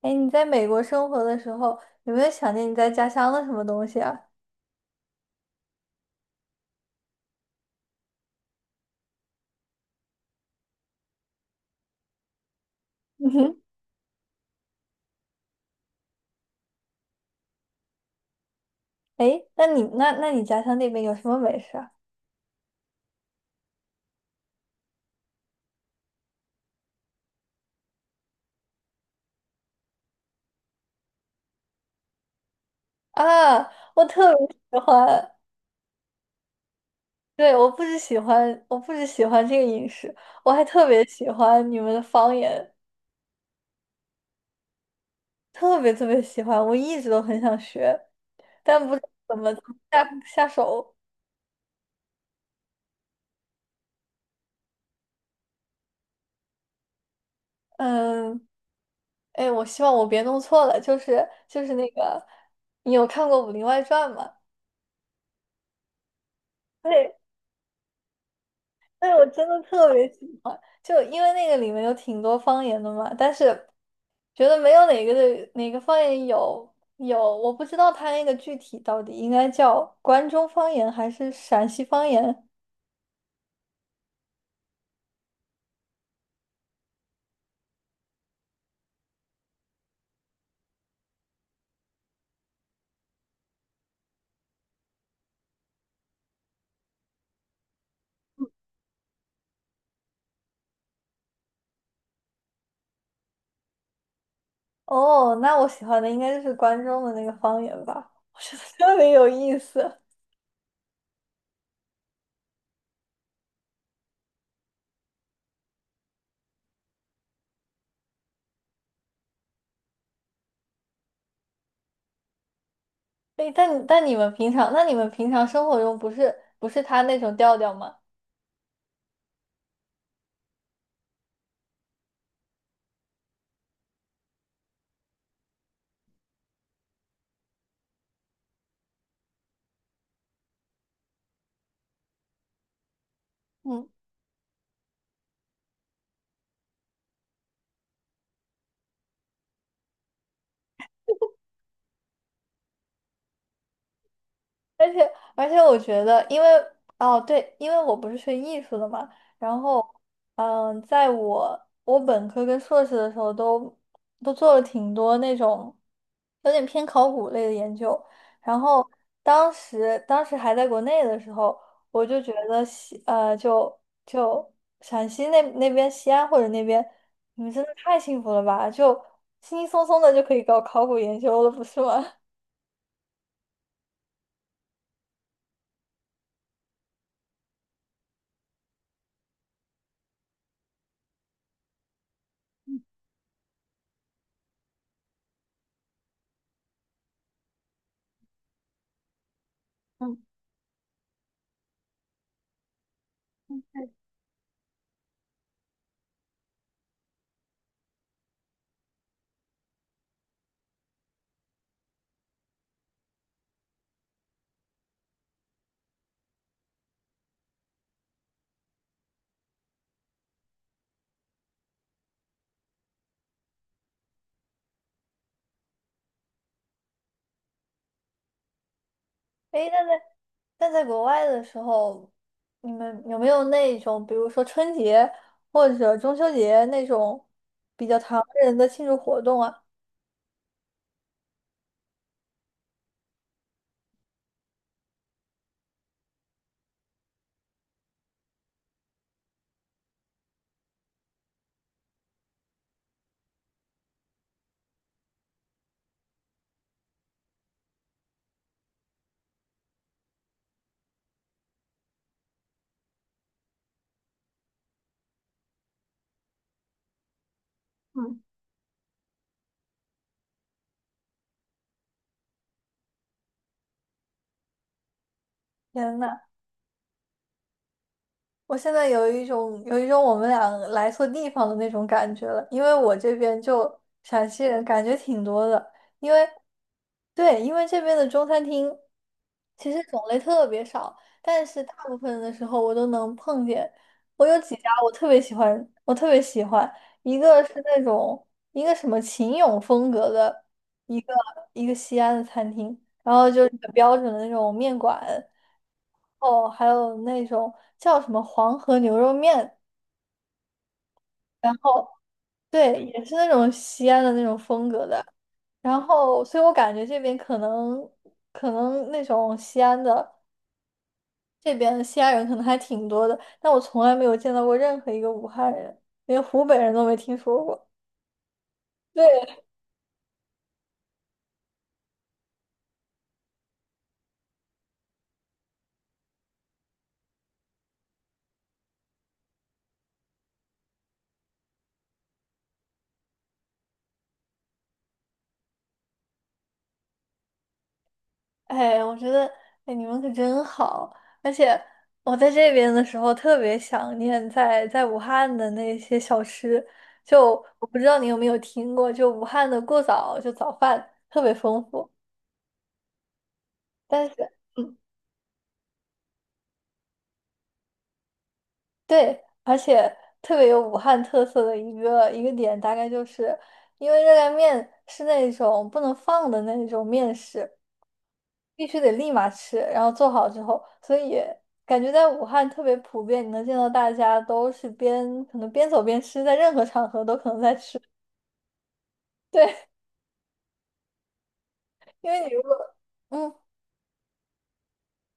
哎，你在美国生活的时候，有没有想念你在家乡的什么东西啊？嗯哼。哎，那你家乡那边有什么美食啊？啊，我特别喜欢。对，我不只喜欢这个饮食，我还特别喜欢你们的方言。特别特别喜欢，我一直都很想学，但不知道怎么下手。嗯。哎，我希望我别弄错了，就是那个，你有看过《武林外传》吗？对，但是我真的特别喜欢，就因为那个里面有挺多方言的嘛，但是觉得没有哪个方言有，我不知道它那个具体到底应该叫关中方言还是陕西方言。哦，那我喜欢的应该就是关中的那个方言吧，我觉得特别有意思。哎，但你们平常，那你们平常生活中不是他那种调调吗？嗯。而且而且，我觉得，哦对，因为我不是学艺术的嘛。然后在我本科跟硕士的时候都做了挺多那种有点偏考古类的研究。然后当时还在国内的时候，我就觉得就陕西那边西安或者那边，你们真的太幸福了吧，就轻轻松松的就可以搞考古研究了，不是吗？诶，那在国外的时候，你们有没有那种，比如说春节或者中秋节那种比较唐人的庆祝活动啊？嗯。天呐！我现在有一种我们俩来错地方的那种感觉了，因为我这边就陕西人感觉挺多的。因为对，因为这边的中餐厅其实种类特别少，但是大部分的时候我都能碰见。我有几家我特别喜欢，一个是那种一个什么秦俑风格的一个一个西安的餐厅，然后就是很标准的那种面馆。哦，还有那种叫什么黄河牛肉面，然后对，也是那种西安的那种风格的。然后，所以我感觉这边可能可能那种西安的这边西安人可能还挺多的，但我从来没有见到过任何一个武汉人，连湖北人都没听说过。对。哎，我觉得，哎，你们可真好，而且我在这边的时候特别想念在武汉的那些小吃，就我不知道你有没有听过，就武汉的过早就早饭特别丰富。但是，嗯，对，而且特别有武汉特色的一个点，大概就是因为热干面是那种不能放的那种面食，必须得立马吃，然后做好之后，所以感觉在武汉特别普遍，你能见到大家都是边可能边走边吃，在任何场合都可能在吃。对，因为你如果嗯，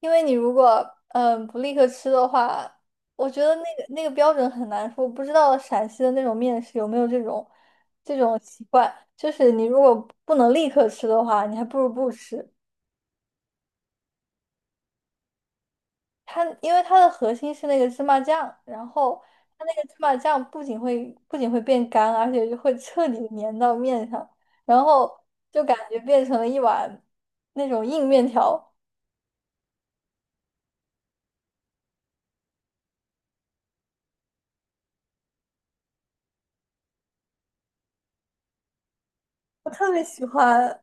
因为你如果不立刻吃的话，我觉得那个标准很难说，我不知道陕西的那种面食有没有这种习惯，就是你如果不能立刻吃的话，你还不如不吃。它因为它的核心是那个芝麻酱，然后它那个芝麻酱不仅会变干，而且就会彻底地粘到面上，然后就感觉变成了一碗那种硬面条。我特别喜欢。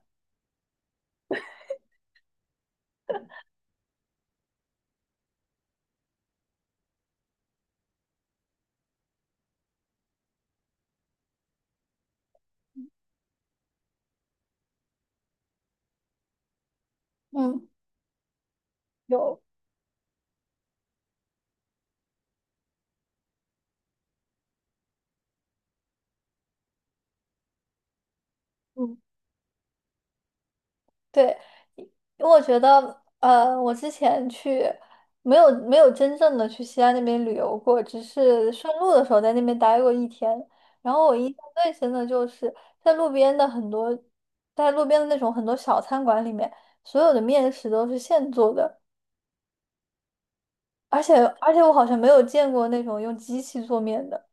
嗯，有。嗯，对。因为我觉得，我之前去没有没有真正的去西安那边旅游过，只是顺路的时候在那边待过一天。然后我印象最深的就是在路边的很多，在路边的那种很多小餐馆里面，所有的面食都是现做的，而且而且我好像没有见过那种用机器做面的，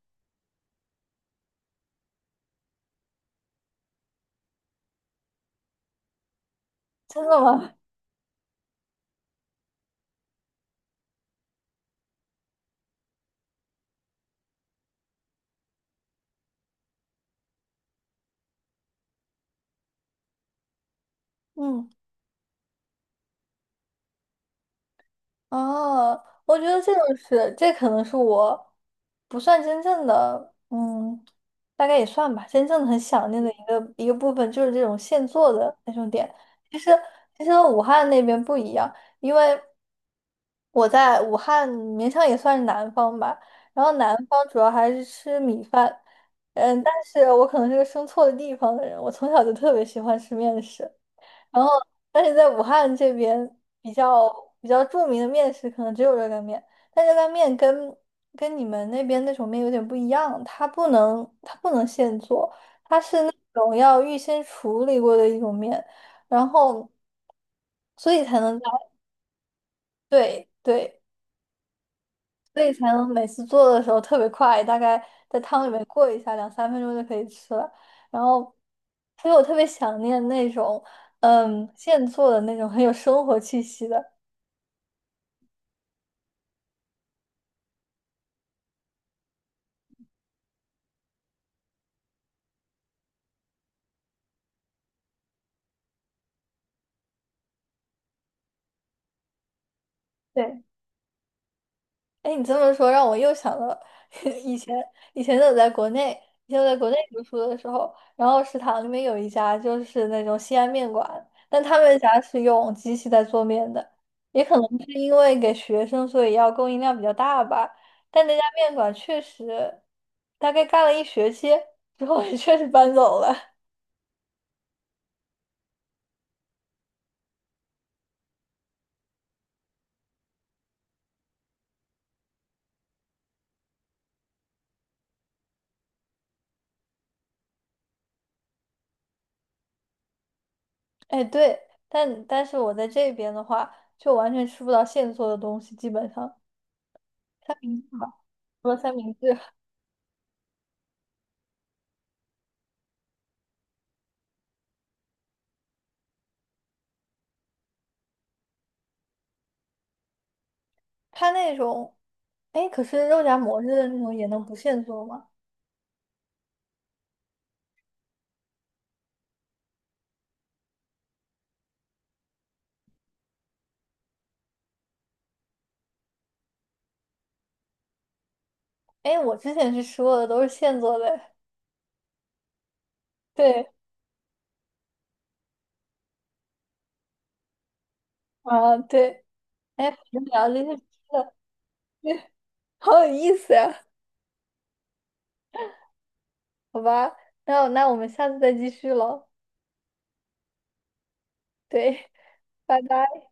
真的吗？嗯。哦，我觉得这种是，这可能是我不算真正的，大概也算吧，真正的很想念的一个部分就是这种现做的那种点。其实其实武汉那边不一样，因为我在武汉勉强也算是南方吧，然后南方主要还是吃米饭。但是我可能是个生错的地方的人，我从小就特别喜欢吃面食。然后，但是在武汉这边比较著名的面食可能只有热干面，但热干面跟你们那边那种面有点不一样，它不能现做，它是那种要预先处理过的一种面，然后所以才能在对对，所以才能每次做的时候特别快，大概在汤里面过一下，两三分钟就可以吃了。然后，所以我特别想念那种，现做的那种很有生活气息的。对。哎，你这么说让我又想到 以前，以前我在国内，以前我在国内读书的时候，然后食堂里面有一家就是那种西安面馆，但他们家是用机器在做面的，也可能是因为给学生，所以要供应量比较大吧。但那家面馆确实，大概干了一学期之后，也 确实搬走了。哎，对，但是我在这边的话，就完全吃不到现做的东西，基本上三明治吧，除了三明治。它那种，哎，可是肉夹馍似的那种也能不现做吗？哎，我之前是说的都是现做的。对。啊，对，哎，反们聊这些吃的，好有意思呀。好吧，那我们下次再继续喽。对，拜拜。